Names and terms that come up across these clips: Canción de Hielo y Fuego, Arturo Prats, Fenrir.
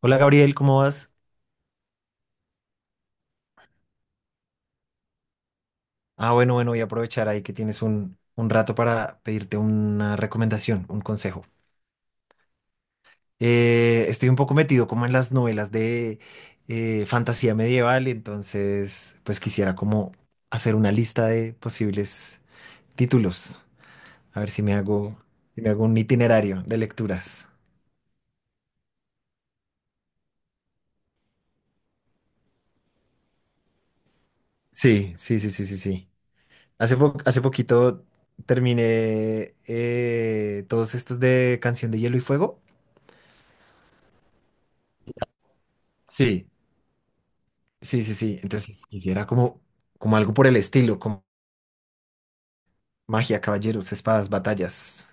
Hola Gabriel, ¿cómo vas? Ah, bueno, bueno, voy a aprovechar ahí que tienes un rato para pedirte una recomendación, un consejo. Estoy un poco metido como en las novelas de fantasía medieval, entonces pues quisiera como hacer una lista de posibles títulos, a ver si me hago, si me hago un itinerario de lecturas. Sí, sí, sí, sí, sí, sí. Hace poquito terminé todos estos de Canción de Hielo y Fuego. Sí. Sí, sí, sí. Entonces quisiera como, como algo por el estilo, como magia, caballeros, espadas, batallas.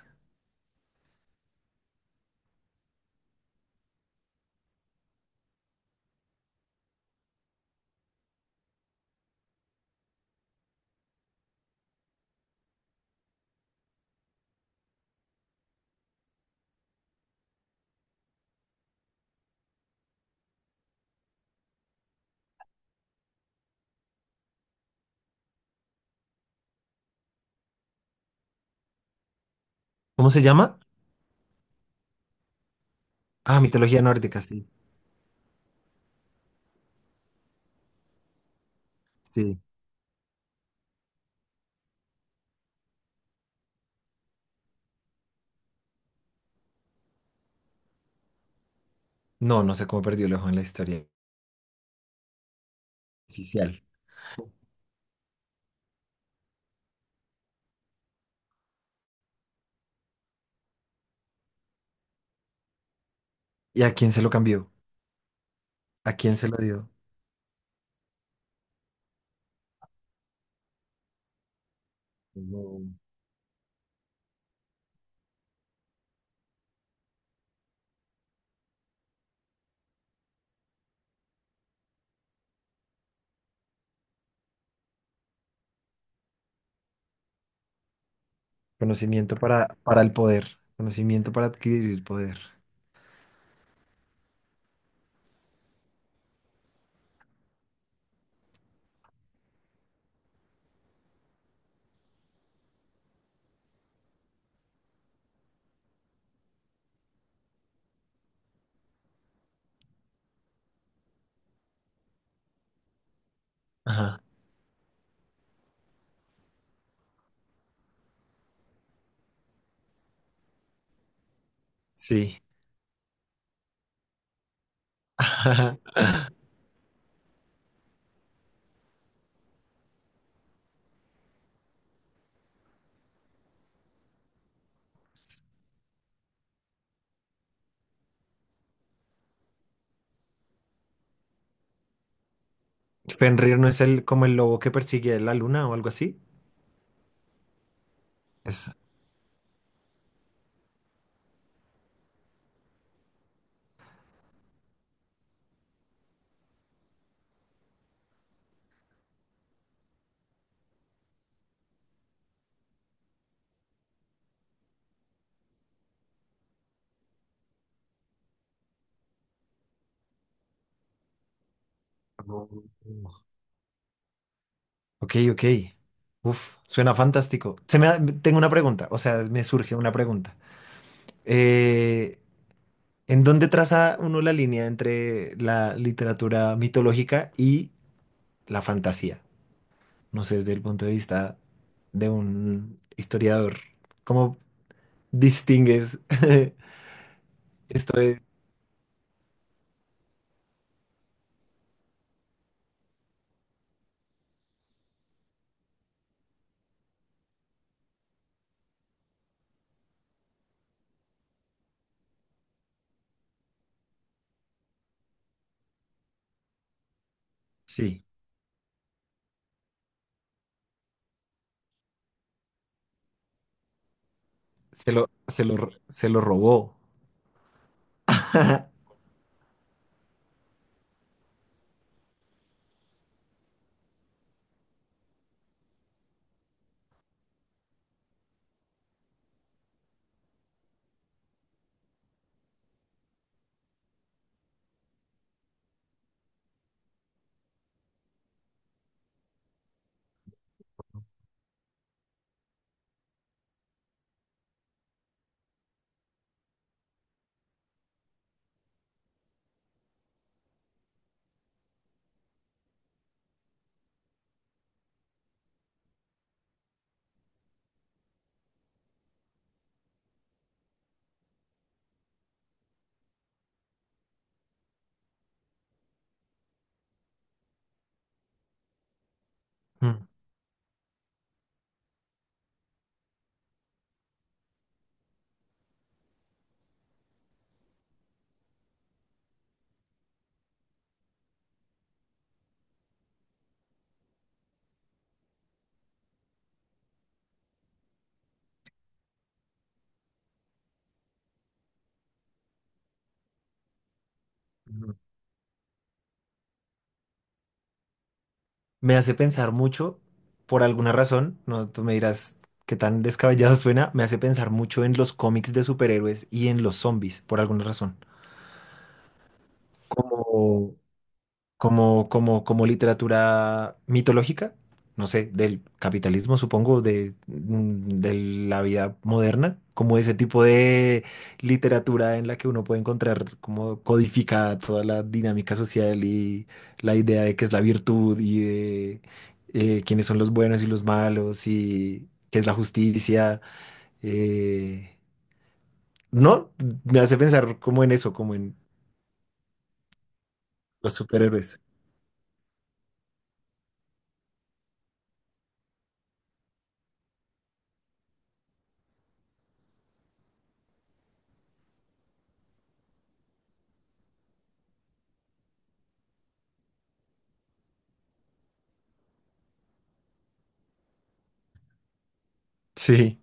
¿Cómo se llama? Ah, mitología nórdica, sí. Sí. No, no sé cómo perdió el ojo en la historia oficial. ¿Y a quién se lo cambió? ¿A quién se lo dio? No. Conocimiento para el poder. Conocimiento para adquirir poder. Ajá. Sí. Fenrir no es el como el lobo que persigue la luna o algo así. Es. Ok, ok. Uf, suena fantástico. Tengo una pregunta, o sea, me surge una pregunta. Eh, ¿En dónde traza uno la línea entre la literatura mitológica y la fantasía? No sé, desde el punto de vista de un historiador, ¿cómo distingues esto de... Sí, se lo, se lo, se lo robó. Mm. Me hace pensar mucho, por alguna razón, no, tú me dirás qué tan descabellado suena, me hace pensar mucho en los cómics de superhéroes y en los zombies, por alguna razón. Como, como literatura mitológica, no sé, del capitalismo, supongo, de, de la vida moderna, como ese tipo de literatura en la que uno puede encontrar como codificada toda la dinámica social y la idea de qué es la virtud y de quiénes son los buenos y los malos y qué es la justicia. Eh, no, Me hace pensar como en eso, como en los superhéroes. Sí.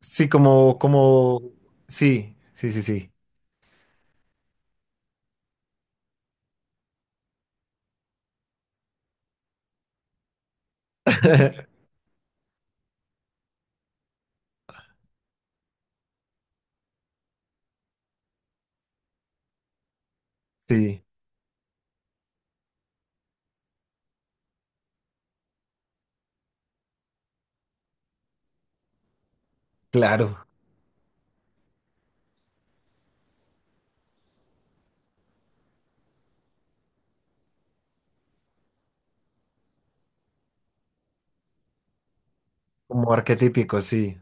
Sí, como, como, sí, sí, sí, sí. Sí, claro, como arquetípico, sí.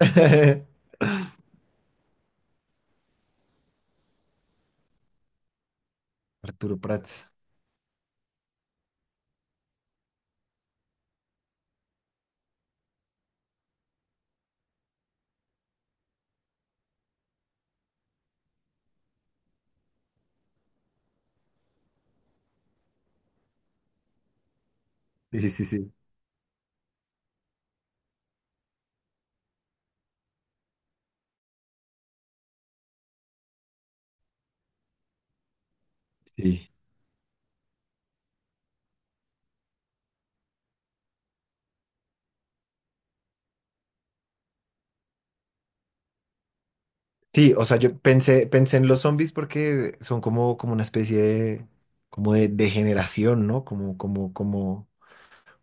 Arturo Prats. Sí, sí, sí, sí. Sí, sí, o sea, yo pensé, pensé en los zombies porque son como, como una especie de, como de degeneración, ¿no?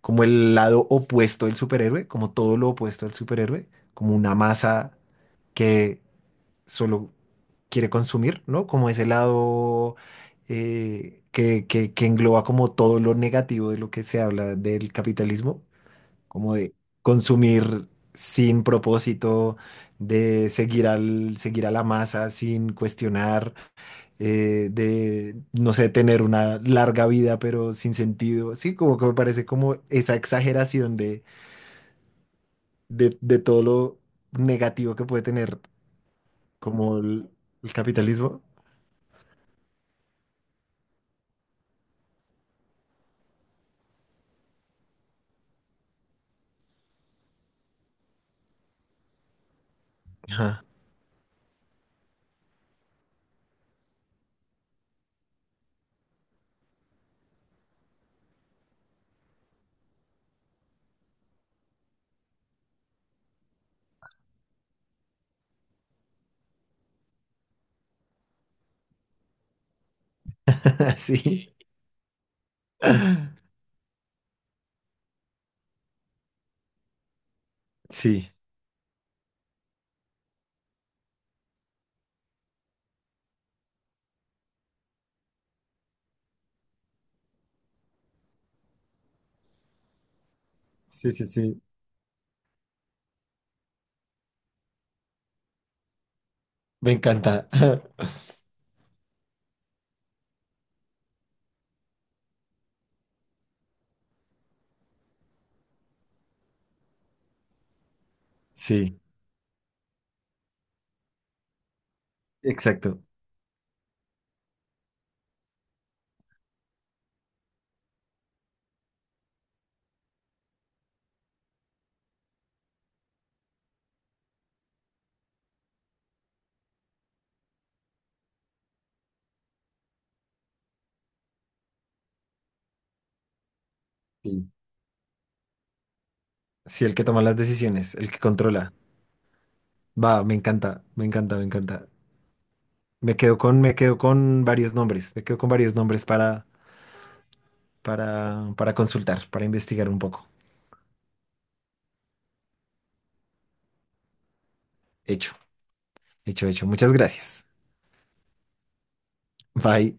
Como el lado opuesto del superhéroe, como todo lo opuesto al superhéroe, como una masa que solo quiere consumir, ¿no? Como ese lado que engloba como todo lo negativo de lo que se habla del capitalismo, como de consumir sin propósito, de seguir al, seguir a la masa sin cuestionar, de, no sé, tener una larga vida pero sin sentido. Sí, como que me parece como esa exageración de, de todo lo negativo que puede tener como el capitalismo. Ajá. Sí. Sí, sí, sí, sí. Me encanta. Sí, exacto. Sí. Sí, el que toma las decisiones, el que controla. Va, me encanta, me encanta, me encanta. Me quedo con varios nombres. Me quedo con varios nombres para consultar, para investigar un poco. Hecho, hecho, hecho. Muchas gracias. Bye.